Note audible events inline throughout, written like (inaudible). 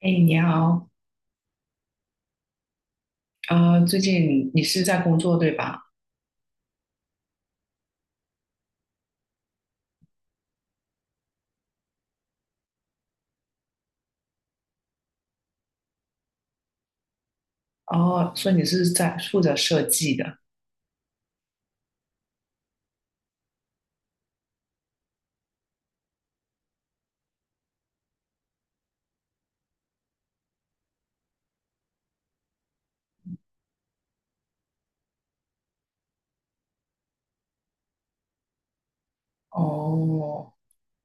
哎，你好，最近你是在工作对吧？哦，所以你是在负责设计的。哦，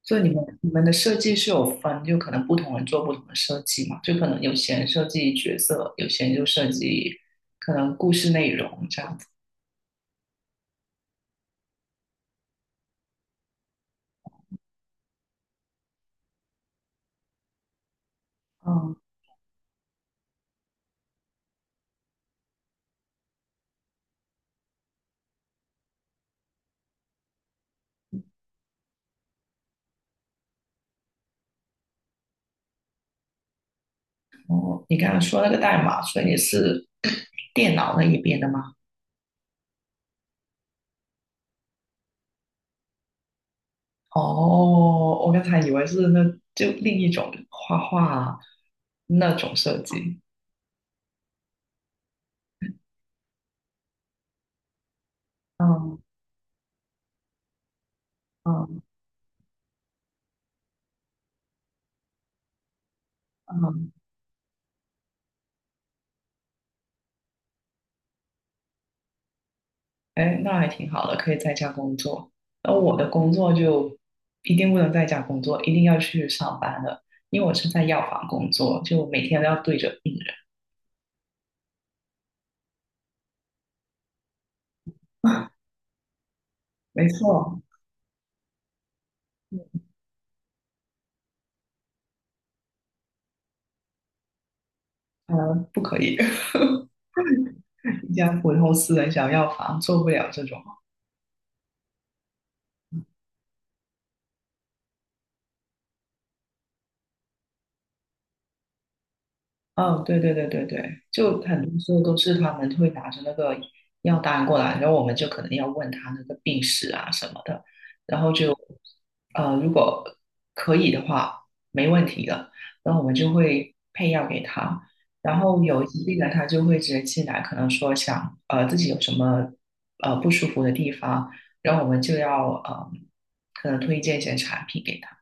所以你们的设计是有分，就可能不同人做不同的设计嘛，就可能有些人设计角色，有些人就设计可能故事内容这样子。嗯。哦，你刚刚说那个代码，所以你是 (clears throat) 电脑那一边的吗？哦，我刚才以为是那就另一种画画啊那种设计。嗯嗯嗯。哎，那还挺好的，可以在家工作。而我的工作就一定不能在家工作，一定要去上班的，因为我是在药房工作，就每天都要对着病人。(laughs) 没错，嗯，不可以，(laughs) 一家普通私人小药房做不了这种。哦，对对对对对，就很多时候都是他们会拿着那个药单过来，然后我们就可能要问他那个病史啊什么的，然后就如果可以的话，没问题的，然后我们就会配药给他。然后有疾病的他就会直接进来，可能说想自己有什么不舒服的地方，然后我们就要可能推荐一些产品给他。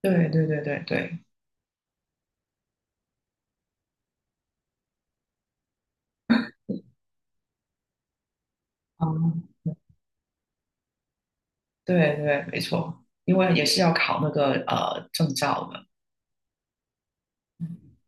对对对对对，嗯。对对，没错，因为也是要考那个证照的，嗯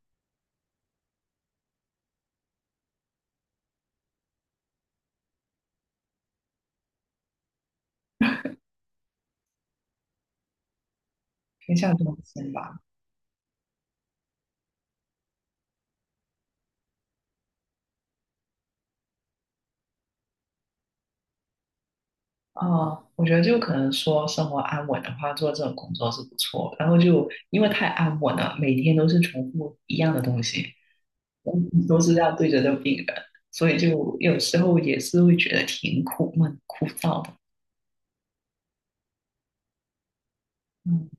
偏向中心吧。啊，我觉得就可能说生活安稳的话，做这种工作是不错。然后就因为太安稳了，每天都是重复一样的东西，都是要对着的病人，所以就有时候也是会觉得挺苦闷、枯燥的。嗯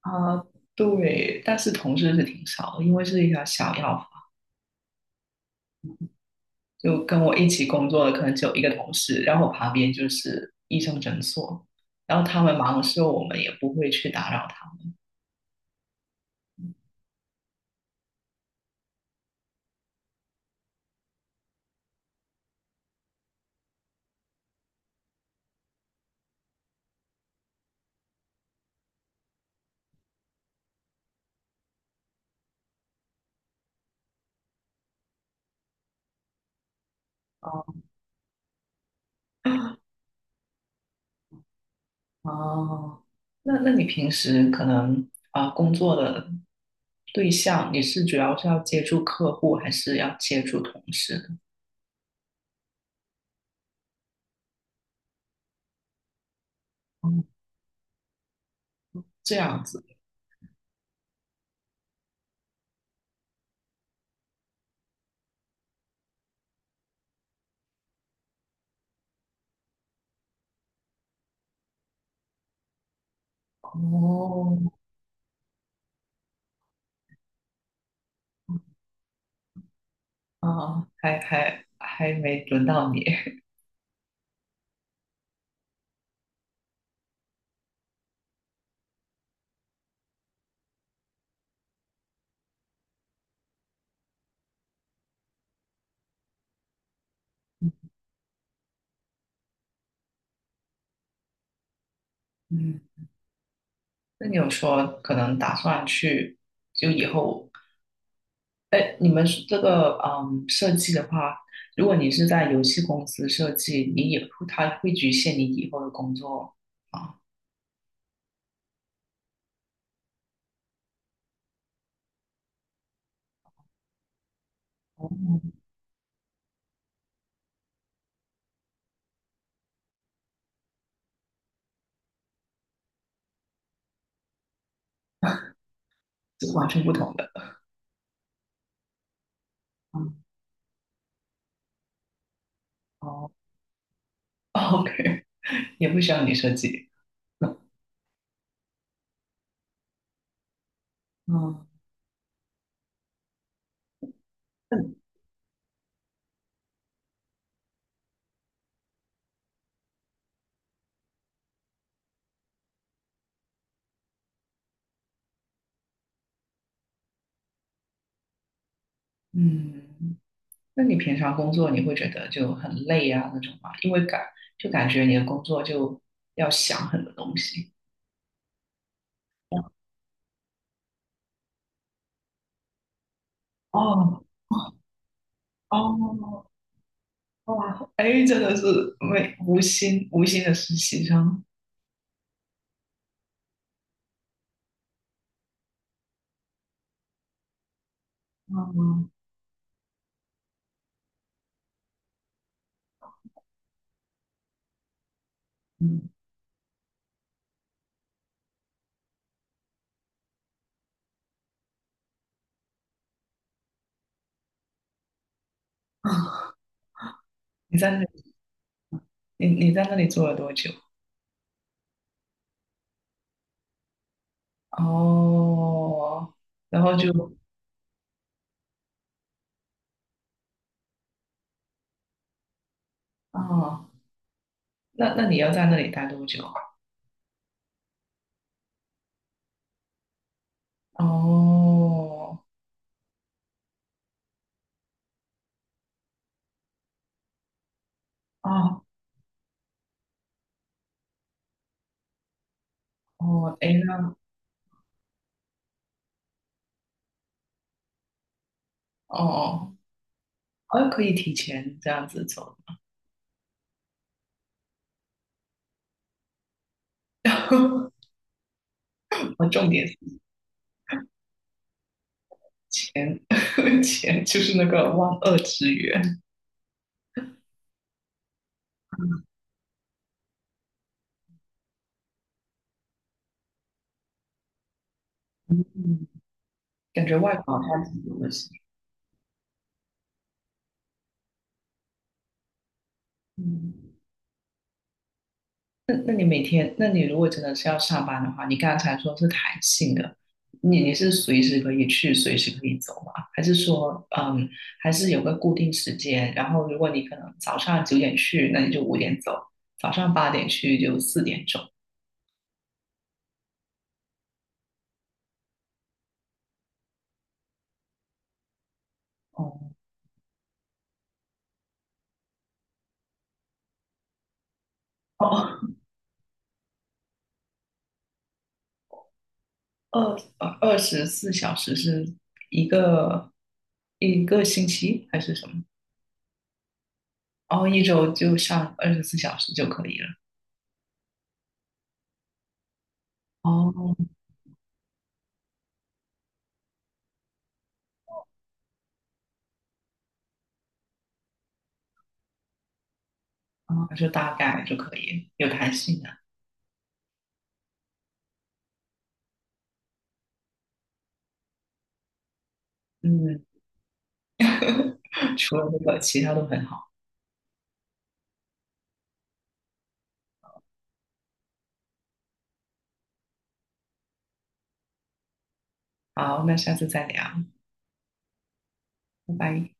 啊，对，但是同事是挺少的，因为是一条小药，就跟我一起工作的可能只有一个同事，然后我旁边就是医生诊所，然后他们忙的时候，我们也不会去打扰他们。哦，那你平时可能工作的对象，你是主要是要接触客户，还是要接触同事呢？哦，这样子哦。啊，还没轮到你。(laughs) 嗯，那你有说可能打算去，就以后，哎，你们是这个设计的话，如果你是在游戏公司设计，你也会，它会局限你以后的工作啊。哦，是完全不同的。嗯。哦，(laughs) OK，也不需要你设计。嗯。嗯嗯，那你平常工作你会觉得就很累啊那种吗？因为感觉你的工作就要想很多东西。哦。哦，哇，哎，真的是没无心无心的实习生。哦。嗯，你在那里，你在那里住了多久？哦，然后就，哦，那你要在那里待多久啊？哦。哦。哦，哎，那，哦。哦，可以提前这样子走。(laughs) 我重点是钱，(laughs) 钱就是那个万恶之源。嗯，感觉外国好像挺多的事。嗯。那你每天，那你如果真的是要上班的话，你刚才说是弹性的，你是随时可以去，随时可以走吗？还是说，嗯，还是有个固定时间？然后如果你可能早上9点去，那你就5点走；早上8点去就4点走。哦。哦，二二十四小时是一个一个星期还是什么？哦，一周就上二十四小时就可以了。哦。哦，就大概就可以，有弹性的。嗯，除了这个，其他都很好。好，那下次再聊。拜拜。